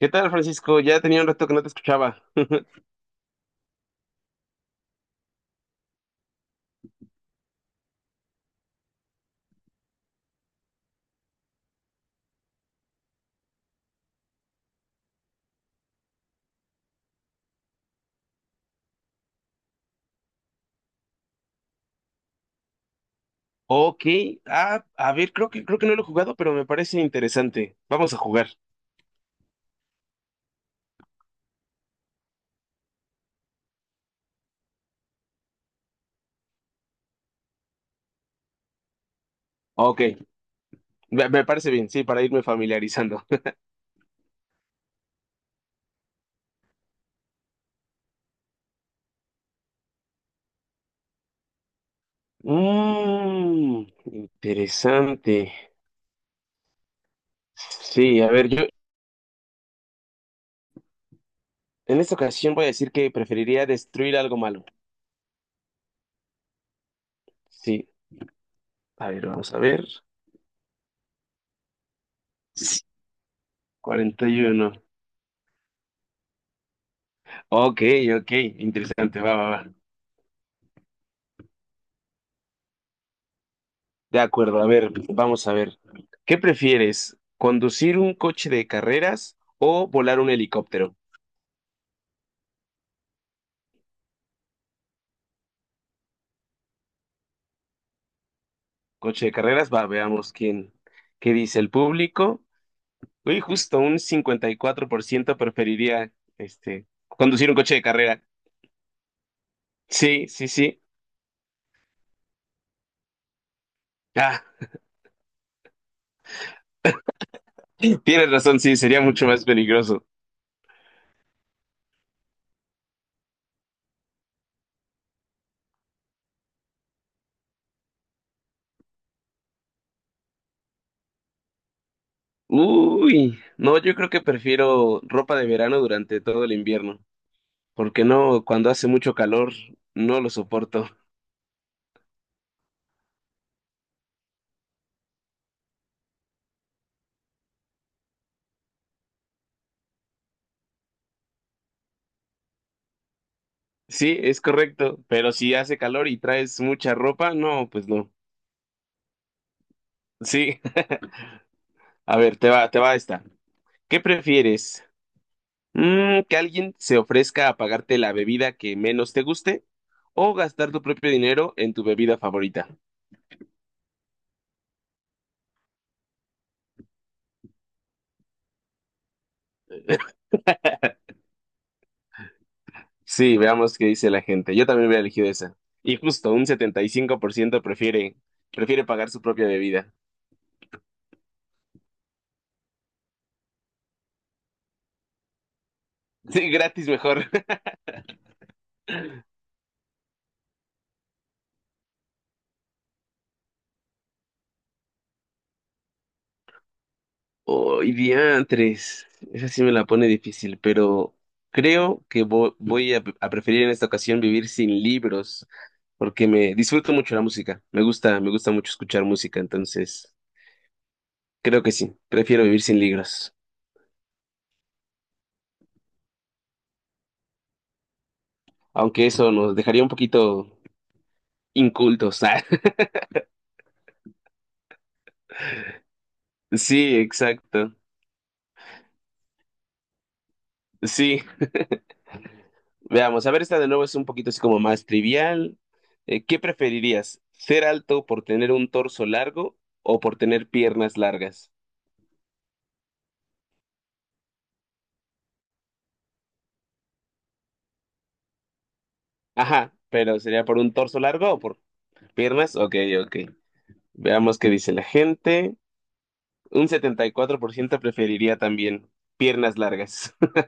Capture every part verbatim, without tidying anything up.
¿Qué tal, Francisco? Ya tenía un rato que no te escuchaba. Ok, ah, a ver, creo que, creo que no lo he jugado, pero me parece interesante. Vamos a jugar. Ok, me, me parece bien, sí, para irme familiarizando. Mmm, interesante. Sí, a ver, yo en esta ocasión voy a decir que preferiría destruir algo malo. Sí, a ver, vamos a ver. Sí, cuarenta y uno. Ok, ok, interesante, va, va, va. De acuerdo, a ver, vamos a ver. ¿Qué prefieres? ¿Conducir un coche de carreras o volar un helicóptero? Coche de carreras, va, veamos quién, qué dice el público. Uy, justo un cincuenta y cuatro por ciento preferiría este, conducir un coche de carrera. Sí, sí, sí. Ah, tienes razón, sí, sería mucho más peligroso. Uy, no, yo creo que prefiero ropa de verano durante todo el invierno, porque no, cuando hace mucho calor, no lo soporto. Sí, es correcto, pero si hace calor y traes mucha ropa, no, pues no. Sí, a ver, te va, te va esta. ¿Qué prefieres? Mm, ¿que alguien se ofrezca a pagarte la bebida que menos te guste o gastar tu propio dinero en tu bebida favorita? Sí, veamos qué dice la gente. Yo también hubiera elegido esa. Y justo un setenta y cinco por ciento prefiere, prefiere pagar su propia bebida. Sí, gratis mejor. Hoy diantres, esa sí me la pone difícil, pero creo que vo- voy a, a preferir en esta ocasión vivir sin libros, porque me disfruto mucho la música. Me gusta, me gusta mucho escuchar música, entonces creo que sí, prefiero vivir sin libros, aunque eso nos dejaría un poquito incultos. ah. Sí, exacto. Sí, veamos, a ver, esta de nuevo es un poquito así como más trivial. Eh, ¿qué preferirías? ¿Ser alto por tener un torso largo o por tener piernas largas? Ajá, pero ¿sería por un torso largo o por piernas? Ok, ok. Veamos qué dice la gente. Un setenta y cuatro por ciento preferiría también piernas largas.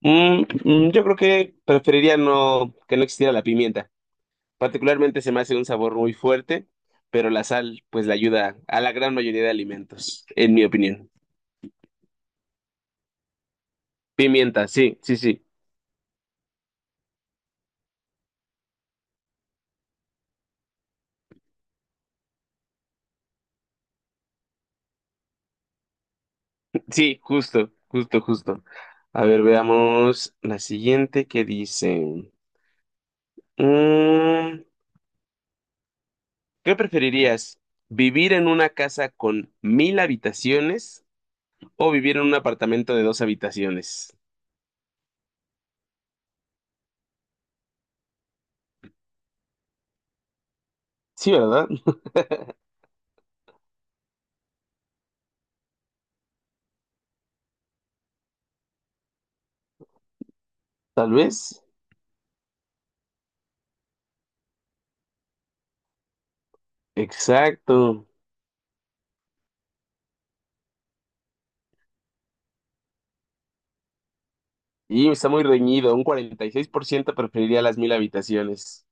Mm, mm, yo creo que preferiría no, que no existiera la pimienta. Particularmente se me hace un sabor muy fuerte, pero la sal pues le ayuda a la gran mayoría de alimentos, en mi opinión. Pimienta, sí, sí, sí. Sí, justo, justo, justo. A ver, veamos la siguiente que dice. Mm, ¿qué preferirías? ¿Vivir en una casa con mil habitaciones o vivir en un apartamento de dos habitaciones? Sí, ¿verdad? Tal vez. Exacto. Y está muy reñido. Un cuarenta y seis por ciento preferiría las mil habitaciones.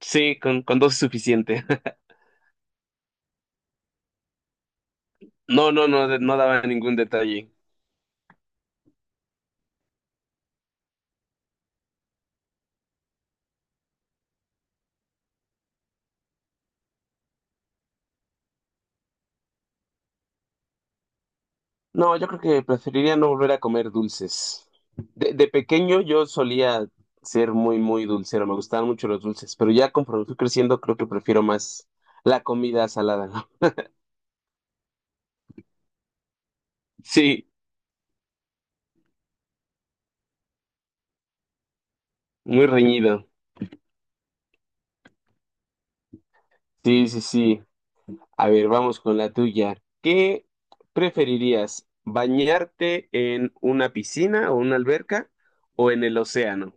Sí, con, con dos es suficiente. No, no, no, no daba ningún detalle. No, yo creo que preferiría no volver a comer dulces. De, de pequeño yo solía ser muy, muy dulcero, me gustaban mucho los dulces, pero ya conforme fui creciendo creo que prefiero más la comida salada, ¿no? Sí, muy reñido. Sí, sí, sí. A ver, vamos con la tuya. ¿Qué preferirías, bañarte en una piscina o una alberca o en el océano?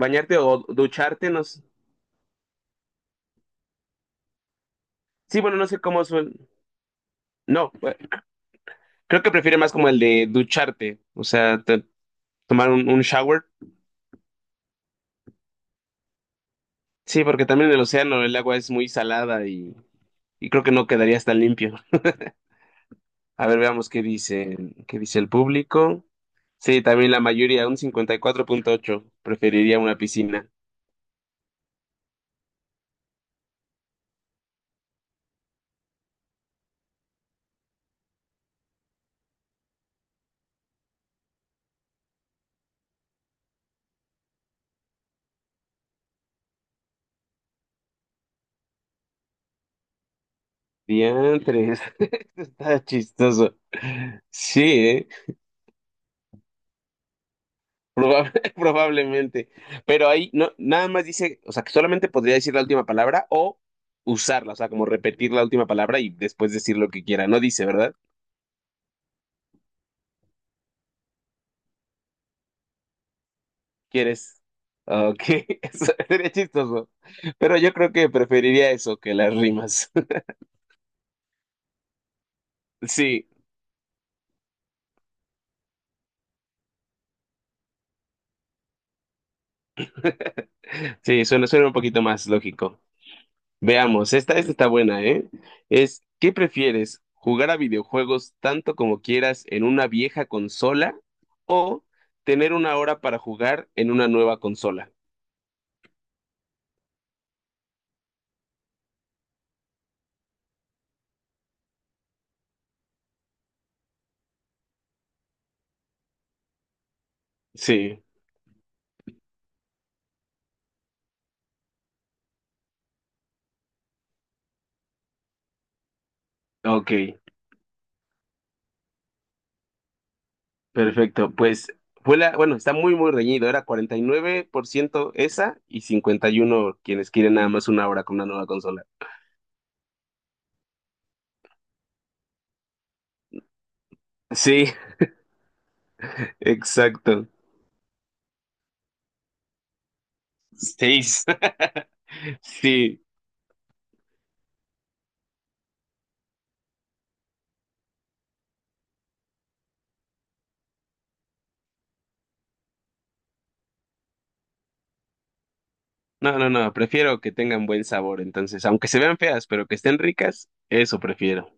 Bañarte o ducharte, no sé. Sí, bueno, no sé cómo suena. No. Creo que prefiere más como el de ducharte, o sea, te- tomar un, un shower. Sí, porque también en el océano el agua es muy salada y, y creo que no quedaría tan limpio. A ver, veamos qué dice, qué dice el público. Sí, también la mayoría, un cincuenta y cuatro punto ocho preferiría una piscina. Diantres, está chistoso. Sí, ¿eh? Probable- probablemente. Pero ahí no, nada más dice, o sea, que solamente podría decir la última palabra o usarla, o sea, como repetir la última palabra y después decir lo que quiera. No dice, ¿verdad? ¿Quieres? Ok, eso sería chistoso. Pero yo creo que preferiría eso que las rimas. Sí, sí, suena, suena un poquito más lógico. Veamos, esta, esta está buena, ¿eh? Es, ¿qué prefieres? ¿Jugar a videojuegos tanto como quieras en una vieja consola o tener una hora para jugar en una nueva consola? Sí, ok, perfecto. Pues fue la, bueno, está muy, muy reñido. Era cuarenta y nueve por ciento esa y cincuenta y uno por ciento quienes quieren nada más una hora con una nueva consola. Sí, exacto. Seis. Sí, no, no, no, prefiero que tengan buen sabor, entonces, aunque se vean feas, pero que estén ricas, eso prefiero.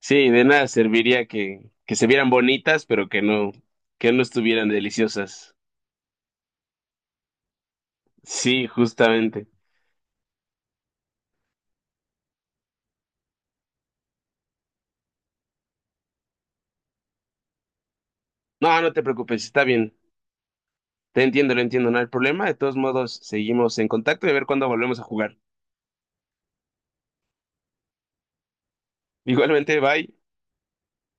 Sí, de nada serviría que, que se vieran bonitas, pero que no, que no estuvieran deliciosas. Sí, justamente. No, no te preocupes, está bien. Te entiendo, lo entiendo, no hay problema. De todos modos, seguimos en contacto y a ver cuándo volvemos a jugar. Igualmente, bye.